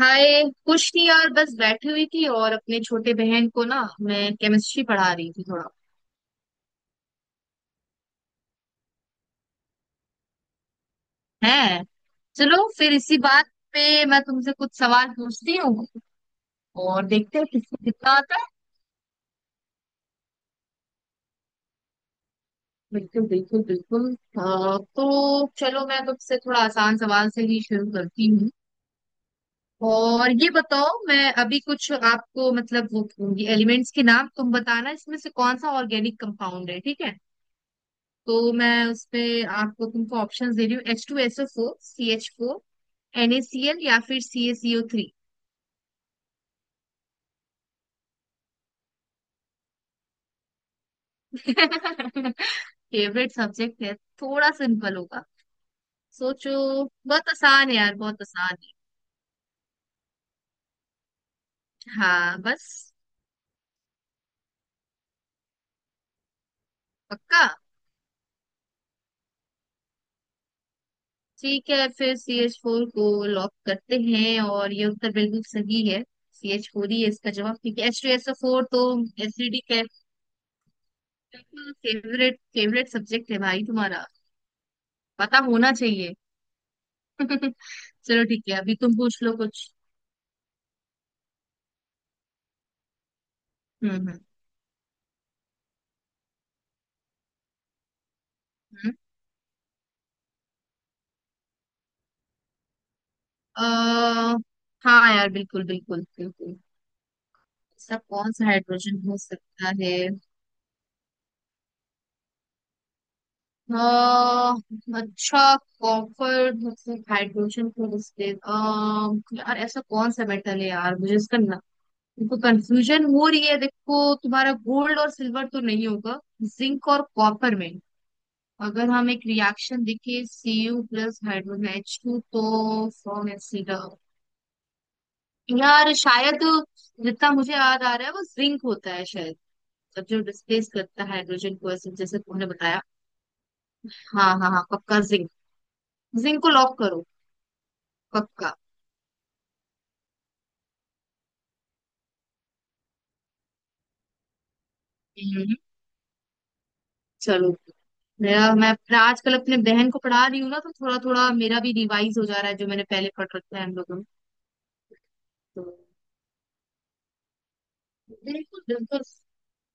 हाय कुछ नहीं यार, बस बैठी हुई थी और अपने छोटे बहन को ना मैं केमिस्ट्री पढ़ा रही थी थोड़ा है। चलो फिर इसी बात पे मैं तुमसे कुछ सवाल पूछती हूँ और देखते हैं किसको कितना आता है। बिल्कुल बिल्कुल बिल्कुल। तो चलो मैं तुमसे थोड़ा आसान सवाल से ही शुरू करती हूँ। और ये बताओ, मैं अभी कुछ आपको मतलब वो एलिमेंट्स के नाम तुम बताना, इसमें से कौन सा ऑर्गेनिक कंपाउंड है, ठीक है। तो मैं उसपे आपको तुमको ऑप्शंस दे रही हूँ, H two S O four, C H four, N A C L, या फिर C A C O three. Favourite subject है, थोड़ा सिंपल होगा। सोचो, बहुत आसान है यार, बहुत आसान है। हाँ बस, पक्का। ठीक है, फिर सी एच फोर को लॉक करते हैं और ये उत्तर बिल्कुल सही है। सी एच फोर ही है इसका जवाब, क्योंकि H two S O four तो एसिडिक है। फेवरेट फेवरेट सब्जेक्ट है भाई तुम्हारा, पता होना चाहिए। चलो ठीक है, अभी तुम पूछ लो कुछ। हम्म हम्म हम्म। अ, हाँ यार, बिल्कुल बिल्कुल बिल्कुल। ऐसा कौन सा हाइड्रोजन हो सकता है। अ, अच्छा, कॉपर मतलब हाइड्रोजन को रिश्ते। यार ऐसा कौन सा मेटल है यार, मुझे इसका ना, तुमको कंफ्यूजन हो रही है। देखो तुम्हारा गोल्ड और सिल्वर तो नहीं होगा, जिंक और कॉपर में। अगर हम एक रिएक्शन देखें Cu प्लस हाइड्रोजन H2 तो फॉर्म। यार शायद जितना मुझे याद आ रहा है, वो जिंक होता है शायद, जब जो डिस्प्लेस करता है हाइड्रोजन को, ऐसे जैसे तुमने बताया। हाँ हाँ हाँ, पक्का जिंक, जिंक को लॉक करो। पक्का। हम्म, चलो। मेरा मैं आजकल अपने बहन को पढ़ा रही हूँ ना, तो थोड़ा थोड़ा मेरा भी रिवाइज हो जा रहा है जो मैंने पहले पढ़ रखा है हम लोगों ने। तो बिल्कुल बिल्कुल।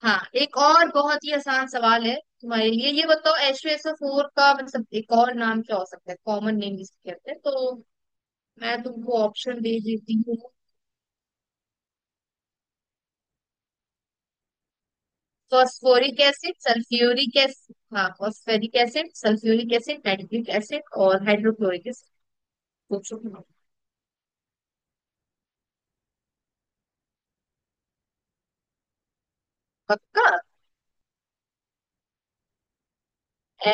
हाँ एक और बहुत ही आसान सवाल है तुम्हारे लिए, ये बताओ H two S O four का मतलब एक और नाम क्या हो सकता है, कॉमन नेम जिसे कहते हैं। तो मैं तुमको ऑप्शन दे देती हूँ, फॉस्फोरिक एसिड, सल्फ्यूरिक एसिड, हाँ phosphoric acid, sulphuric acid, nitric acid और हाइड्रोक्लोरिक एसिड। सोचो। पक्का। ए,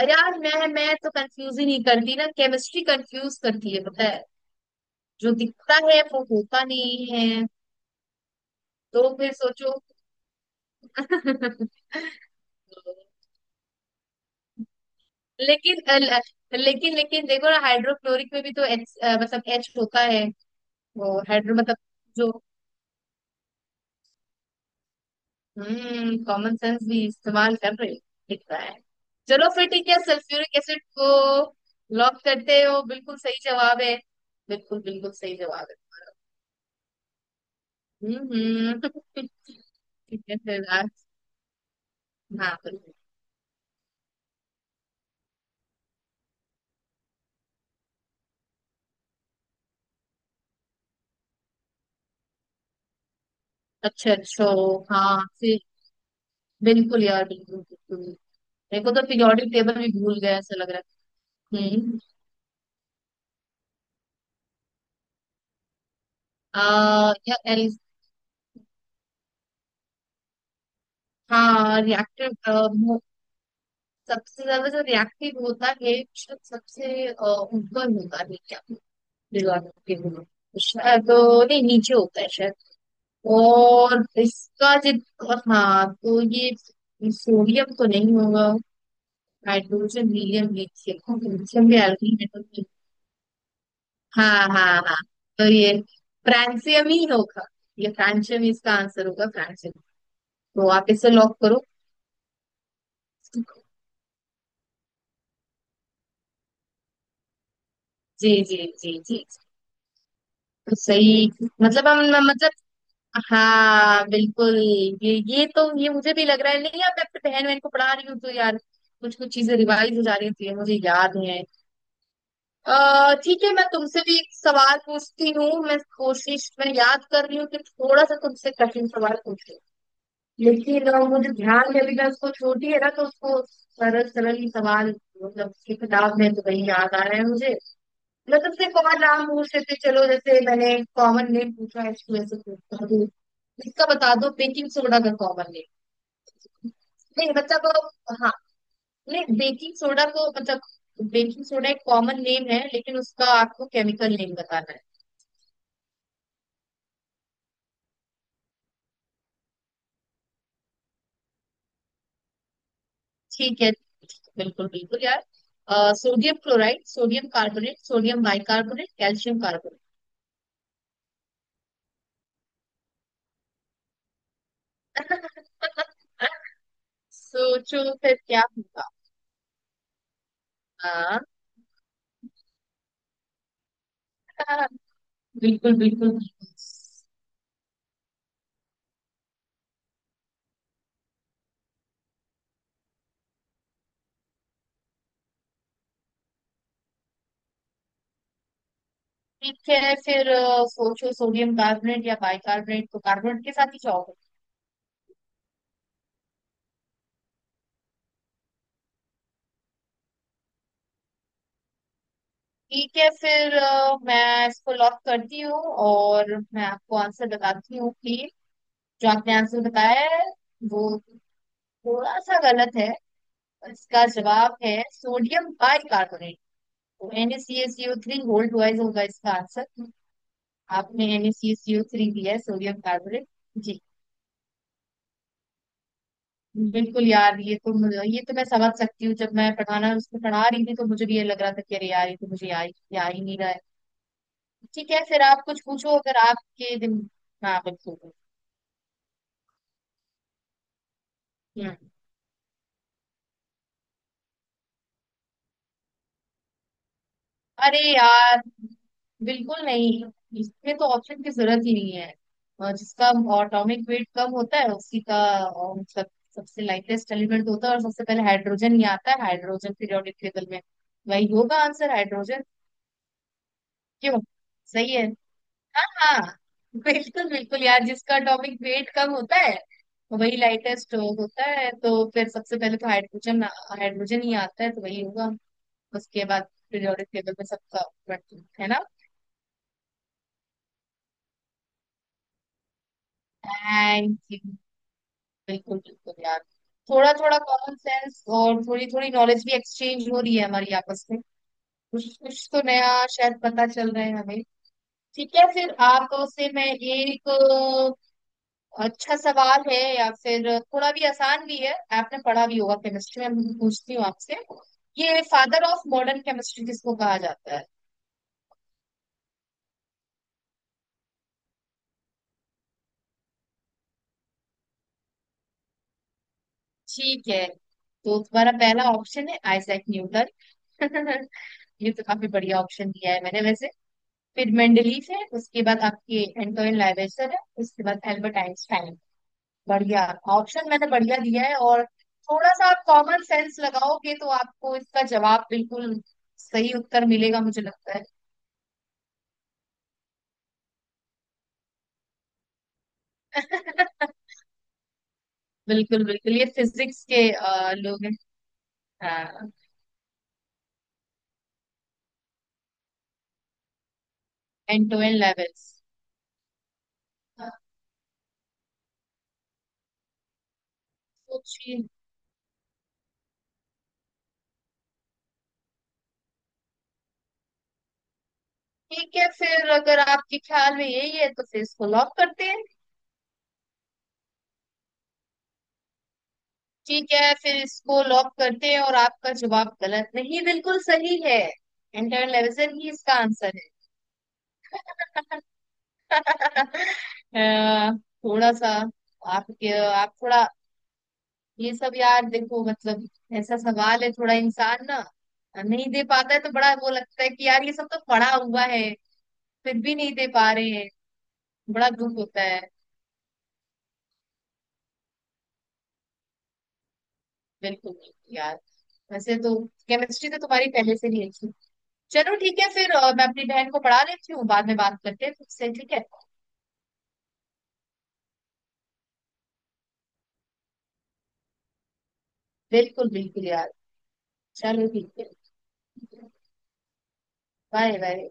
अरे यार, मैं तो कंफ्यूज ही नहीं करती ना, केमिस्ट्री कंफ्यूज करती है पता है। जो दिखता है वो होता नहीं है। तो फिर सोचो। लेकिन अल- लेकिन लेकिन देखो ना, हाइड्रोक्लोरिक में भी तो एच, मतलब एच होता है। वो हाइड्रो मतलब जो। हम्म, कॉमन सेंस भी इस्तेमाल कर रहे हो, दिख रहा है। चलो फिर ठीक है, सल्फ्यूरिक एसिड को लॉक करते हो, बिल्कुल सही जवाब है। बिल्कुल बिल्कुल सही जवाब है। हम्म। ठीक है फिर आज, हाँ बिल्कुल। अच्छा अच्छा। हाँ फिर बिल्कुल यार, बिल्कुल बिल्कुल। मेरे को तो पीरियोडिक टेबल भी भूल गया ऐसा लग रहा है। हम्म। या एल। हाँ रिएक्टिव, सबसे ज्यादा जो रिएक्टिव होता है, शायद सबसे ऊपर होता है। दिलवा सकती हूँ, शायद तो नहीं, नीचे होता है शायद। और इसका जित, और हाँ तो ये सोडियम तो नहीं होगा। हाइड्रोजन, हीलियम, लिथियम, लिथियम भी एल्किल है तो फिर। हाँ हाँ हाँ, तो ये फ्रांसियम ही होगा। ये फ्रांसियम ही इसका आंसर होगा, फ्रांसियम। तो आप इसे लॉक करो। जी जी, जी जी। तो सही मतलब हम मतलब। हाँ बिल्कुल, ये तो ये मुझे भी लग रहा है, नहीं अब मैं अपनी बहन बहन को पढ़ा रही हूँ तो यार कुछ कुछ चीजें रिवाइज हो जा रही थी, मुझे याद है। अः ठीक है, मैं तुमसे भी एक सवाल पूछती हूँ, मैं कोशिश, मैं याद कर रही हूँ कि थोड़ा सा तुमसे कठिन सवाल पूछूं, लेकिन मुझे ध्यान में अभी, मैं उसको छोटी है ना, तो उसको सरल सरल ही सवाल, मतलब उसकी किताब में तो वही याद आ रहा है मुझे। मैं तुमसे कॉमन नाम पूछ लेते चलो, जैसे मैंने कॉमन नेम पूछा है ऐसे पूछता। इसका बता दो, बेकिंग सोडा का कॉमन नेम। नहीं मतलब, हाँ, नहीं बेकिंग सोडा को मतलब, बेकिंग सोडा एक कॉमन नेम है, लेकिन उसका आपको केमिकल नेम बताना है। ठीक है, बिल्कुल बिल्कुल यार। Sodium chloride, sodium carbonate, sodium bicarbonate, calcium carbonate. सोचो फिर क्या होगा। हाँ। हाँ, बिल्कुल बिल्कुल बिल्कुल। ठीक है फिर सोचो, सोडियम कार्बोनेट या बाइकार्बोनेट, तो कार्बोनेट के साथ ही जाओ। ठीक है फिर मैं इसको लॉक करती हूँ, और मैं आपको आंसर बताती हूँ कि जो आपने आंसर बताया है वो थोड़ा सा गलत है। इसका जवाब है सोडियम बाइकार्बोनेट। तो NaCl3 गोल्ड वाइज होगा इसका आंसर। आपने NaCl3 दिया है सोडियम कार्बोनेट। जी। बिल्कुल यार, ये तो मुझे, ये तो मैं समझ सकती हूँ, जब मैं पढ़ाना उसको पढ़ा रही थी तो मुझे भी ये लग रहा था कि अरे यार ये तो मुझे आ ही नहीं रहा है। ठीक है फिर आप कुछ पूछो, अगर आपके दिन। हाँ बिल्कुल। हम्म। अरे यार, बिल्कुल नहीं, इसमें तो ऑप्शन की जरूरत ही नहीं है। जिसका एटॉमिक वेट कम होता है उसी का, मतलब सबसे लाइटेस्ट एलिमेंट होता है, और सबसे पहले हाइड्रोजन ही आता है, हाइड्रोजन पीरियोडिक टेबल में। वही होगा आंसर, हाइड्रोजन। क्यों, सही है। हाँ बिल्कुल बिल्कुल यार, जिसका टॉपिक वेट कम होता है वही लाइटेस्ट स्ट्रोक होता है। तो फिर सबसे पहले तो हाइड्रोजन हाइड्रोजन ही आता है, तो वही होगा। उसके बाद पीरियोडिक टेबल में सबका बढ़ती है ना। Thank you. बिल्कुल बिल्कुल यार, थोड़ा थोड़ा कॉमन सेंस और थोड़ी थोड़ी नॉलेज भी एक्सचेंज हो रही है हमारी आपस में। कुछ कुछ तो नया शायद पता चल रहा है हमें। ठीक है फिर आप से मैं एक अच्छा सवाल है, या फिर थोड़ा भी आसान भी है। आपने पढ़ा भी होगा केमिस्ट्री में। मैं पूछती हूँ आपसे, ये फादर ऑफ मॉडर्न केमिस्ट्री किसको कहा जाता है। ठीक है, तो तुम्हारा पहला ऑप्शन है आइजैक न्यूटन। ये तो काफी बढ़िया ऑप्शन दिया है मैंने वैसे। फिर मेंडलीफ है, उसके बाद आपके एंटोइन लावेजर है, उसके बाद एल्बर्ट आइंस्टाइन। बढ़िया ऑप्शन मैंने बढ़िया दिया है, और थोड़ा सा आप कॉमन सेंस लगाओगे तो आपको इसका जवाब बिल्कुल सही उत्तर मिलेगा मुझे लगता है। बिल्कुल बिल्कुल, ये फिजिक्स के लोग हैं। End to end levels. सोचिए। ठीक है फिर, अगर आपके ख्याल में यही है तो फिर इसको लॉक करते हैं। ठीक है फिर इसको लॉक करते हैं, और आपका जवाब गलत नहीं, बिल्कुल सही है। एंटर लेवजन ही इसका आंसर है। अ, थोड़ा सा आपके आप थोड़ा ये सब यार, देखो मतलब ऐसा सवाल है, थोड़ा इंसान ना नहीं दे पाता है तो बड़ा वो लगता है कि यार ये सब तो पढ़ा हुआ है, फिर भी नहीं दे पा रहे हैं, बड़ा दुख होता है। बिल्कुल बिल्कुल यार। वैसे तो केमिस्ट्री तो तुम्हारी पहले से ही अच्छी। चलो ठीक है फिर मैं अपनी बहन को पढ़ा लेती हूँ, बाद में बात करते हैं तुमसे, ठीक है। बिल्कुल बिल्कुल यार। चलो ठीक है। Bye bye.